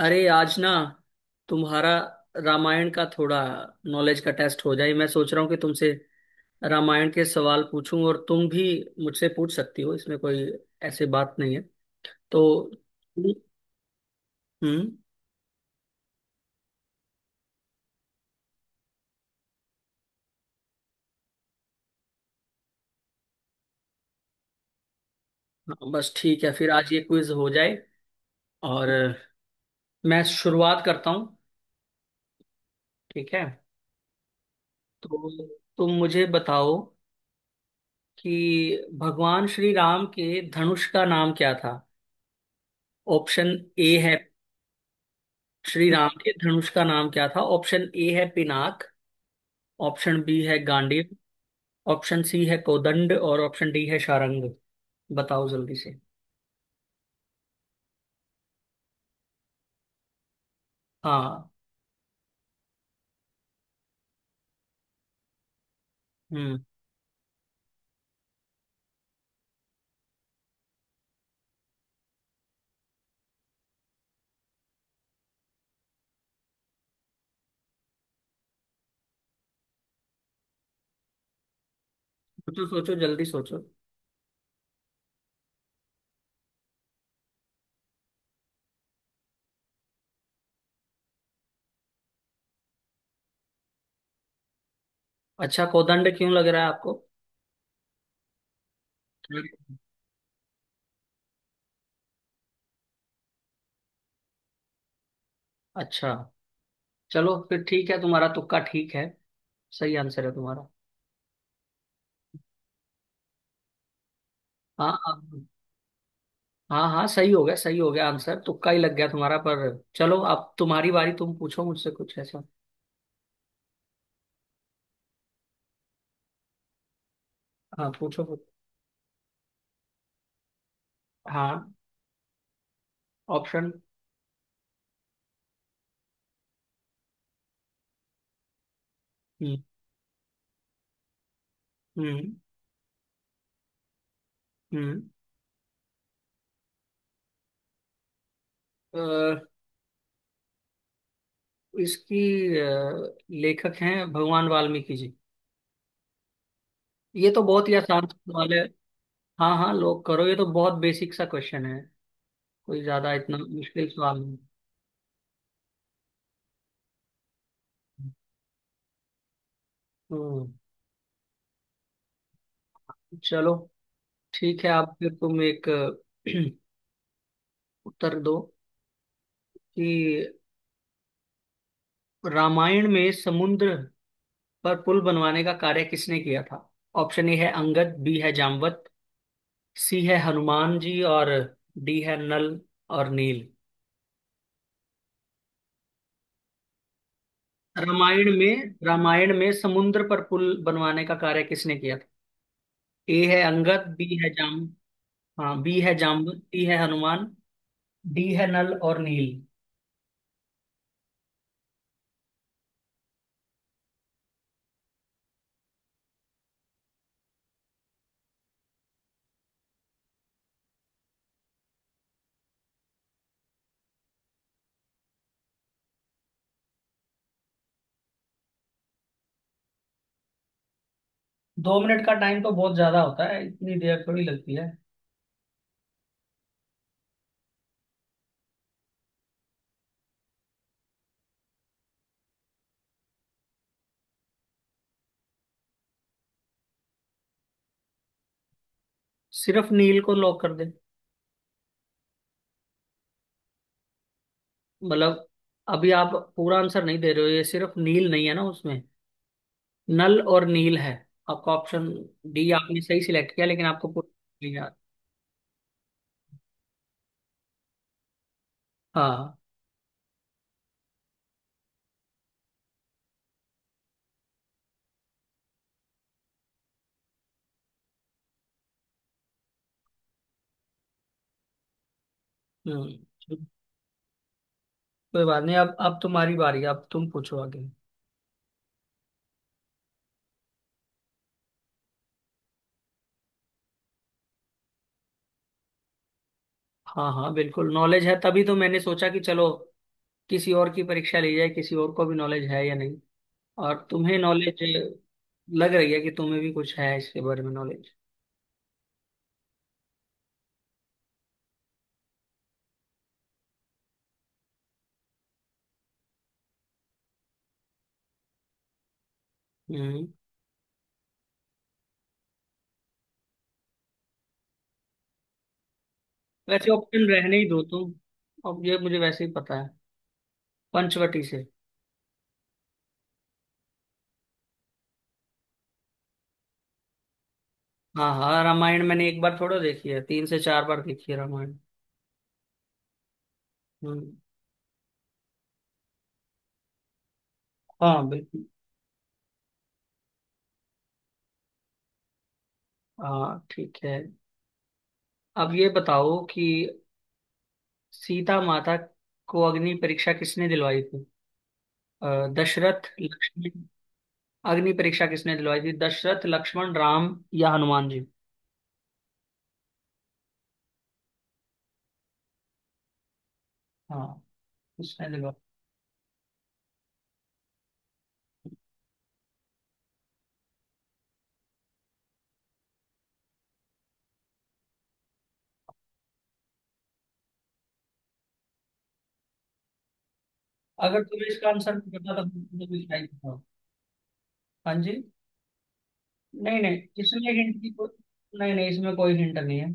अरे आज ना तुम्हारा रामायण का थोड़ा नॉलेज का टेस्ट हो जाए। मैं सोच रहा हूँ कि तुमसे रामायण के सवाल पूछूं और तुम भी मुझसे पूछ सकती हो। इसमें कोई ऐसी बात नहीं है तो। हम्म। हाँ, बस ठीक है फिर आज ये क्विज हो जाए। और मैं शुरुआत करता हूँ। ठीक है। तो तुम मुझे बताओ कि भगवान श्री राम के धनुष का नाम क्या था। ऑप्शन ए है। श्री राम के धनुष का नाम क्या था? ऑप्शन ए है पिनाक। ऑप्शन बी है गांडीव। ऑप्शन सी है कोदंड और ऑप्शन डी है शारंग। बताओ जल्दी से। हाँ। हम्म। सोचो सोचो जल्दी सोचो। अच्छा, कोदंड क्यों लग रहा है आपको? अच्छा, चलो फिर ठीक है तुम्हारा तुक्का ठीक है। सही आंसर है तुम्हारा। हाँ हाँ। हाँ हाँ, सही हो गया आंसर तुक्का ही लग गया तुम्हारा, पर चलो अब तुम्हारी बारी, तुम पूछो मुझसे कुछ ऐसा। हाँ, पूछो पूछो। हाँ। ऑप्शन। हम्म। हम्म। हम्म। इसकी लेखक हैं भगवान वाल्मीकि जी। ये तो बहुत ही आसान सवाल है। हाँ हाँ, लोग करो, ये तो बहुत बेसिक सा क्वेश्चन है। कोई ज्यादा इतना मुश्किल सवाल नहीं। हम्म। चलो ठीक है, आप फिर तुम एक उत्तर दो कि रामायण में समुद्र पर पुल बनवाने का कार्य किसने किया था। ऑप्शन ए है अंगद, बी है जामवंत, सी है हनुमान जी और डी है नल और नील। रामायण में समुद्र पर पुल बनवाने का कार्य किसने किया था? ए है अंगद, बी है जाम। हाँ, बी है जाम्बुत, सी है हनुमान। डी है नल और नील। 2 मिनट का टाइम तो बहुत ज्यादा होता है, इतनी देर थोड़ी लगती है। सिर्फ नील को लॉक कर दे? मतलब, अभी आप पूरा आंसर नहीं दे रहे हो, ये सिर्फ नील नहीं है ना उसमें, नल और नील है। आपका ऑप्शन डी आपने सही सिलेक्ट किया लेकिन आपको पूरा नहीं याद। हाँ। हम्म। कोई बात नहीं, अब तुम्हारी बारी, अब तुम पूछो आगे। हाँ हाँ, बिल्कुल नॉलेज है, तभी तो मैंने सोचा कि चलो किसी और की परीक्षा ली जाए, किसी और को भी नॉलेज है या नहीं। और तुम्हें नॉलेज लग रही है कि तुम्हें भी कुछ है इसके बारे में नॉलेज। हम्म। वैसे ऑप्शन रहने ही दो तुम, अब ये मुझे वैसे ही पता है। पंचवटी से। हाँ हाँ, रामायण मैंने एक बार थोड़ा देखी है, 3 से 4 बार देखी है रामायण। हम्म। हाँ, बिल्कुल। हाँ ठीक है। अब ये बताओ कि सीता माता को अग्नि परीक्षा किसने दिलवाई थी? दशरथ, लक्ष्मण। अग्नि परीक्षा किसने दिलवाई थी? दशरथ, लक्ष्मण, राम या हनुमान जी? हाँ, किसने दिलवाई? अगर तुम्हें इसका आंसर नहीं पता तो मुझे भी बताइए, बताओ। हाँ जी। नहीं नहीं, इसमें हिंट की कोई, नहीं नहीं, इसमें कोई हिंट नहीं है।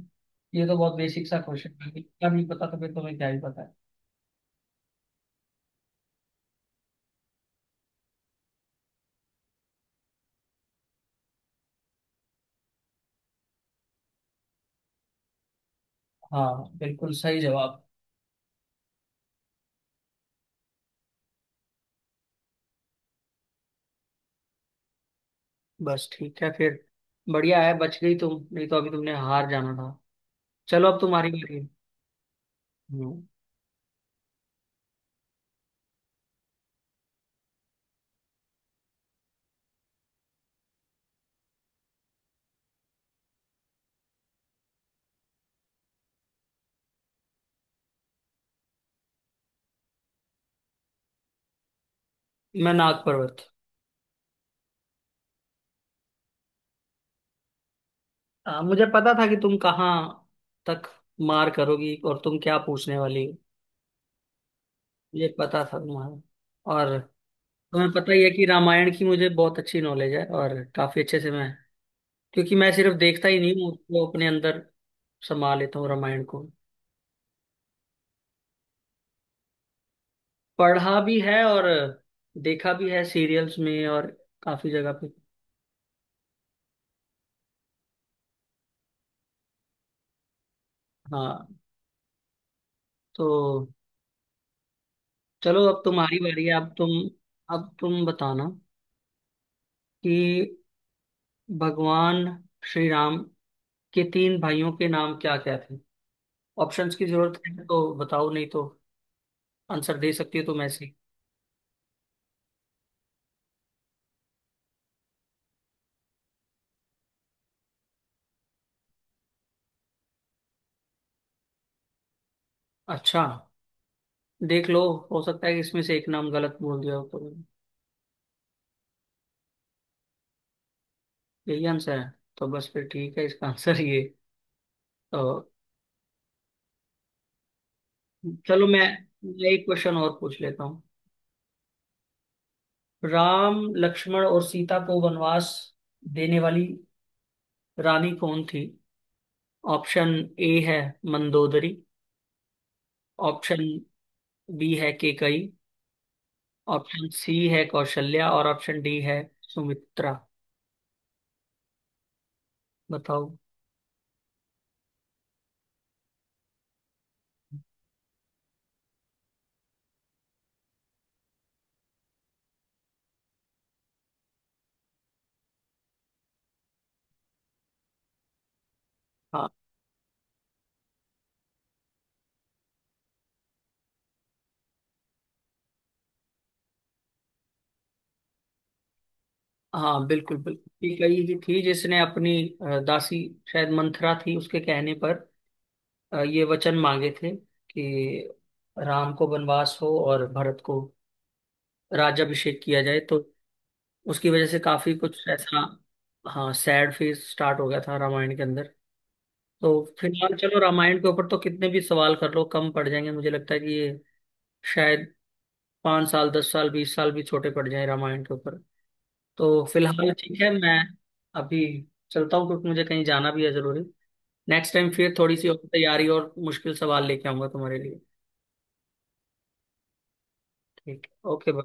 ये तो बहुत बेसिक सा क्वेश्चन है, क्या नहीं पता तो फिर तुम्हें क्या ही पता है। हाँ, बिल्कुल सही जवाब। बस ठीक है फिर। बढ़िया है, बच गई तुम, नहीं तो अभी तुमने हार जाना था। चलो अब तुम्हारी बारी है। हम्म, मैं नाग पर्वत। मुझे पता था कि तुम कहाँ तक मार करोगी और तुम क्या पूछने वाली हो। मुझे पता था तुम्हारा। और तुम्हें पता ही है कि रामायण की मुझे बहुत अच्छी नॉलेज है, और काफी अच्छे से मैं, क्योंकि मैं सिर्फ देखता ही नहीं हूँ उसको, अपने अंदर समा लेता हूँ रामायण को। पढ़ा भी है और देखा भी है सीरियल्स में, और काफी जगह पे। हाँ। तो चलो अब तुम्हारी बारी है, अब तुम। अब तुम बताना कि भगवान श्री राम के तीन भाइयों के नाम क्या क्या थे। ऑप्शंस की जरूरत है तो बताओ, नहीं तो आंसर दे सकती हो तुम ऐसे ही। अच्छा, देख लो, हो सकता है कि इसमें से एक नाम गलत बोल दिया हो तो। यही आंसर है। तो बस फिर ठीक है इसका आंसर ये। तो चलो मैं एक क्वेश्चन और पूछ लेता हूँ। राम, लक्ष्मण और सीता को वनवास देने वाली रानी कौन थी? ऑप्शन ए है मंदोदरी। ऑप्शन बी है केकई। ऑप्शन सी है कौशल्या और ऑप्शन डी है सुमित्रा। बताओ। हाँ हाँ, बिल्कुल बिल्कुल ठीक है, ये कही ही थी जिसने अपनी दासी, शायद मंथरा थी, उसके कहने पर ये वचन मांगे थे कि राम को वनवास हो और भरत को राज्याभिषेक किया जाए। तो उसकी वजह से काफी कुछ ऐसा, हाँ, सैड फेज स्टार्ट हो गया था रामायण के अंदर। तो फिलहाल चलो, रामायण के ऊपर तो कितने भी सवाल कर लो कम पड़ जाएंगे, मुझे लगता है कि ये शायद 5 साल, 10 साल, 20 साल भी छोटे पड़ जाए रामायण के ऊपर। तो फिलहाल ठीक है, मैं अभी चलता हूँ क्योंकि मुझे कहीं जाना भी है जरूरी। नेक्स्ट टाइम फिर थोड़ी सी और तैयारी और मुश्किल सवाल लेके आऊंगा तुम्हारे लिए। ठीक है, ओके।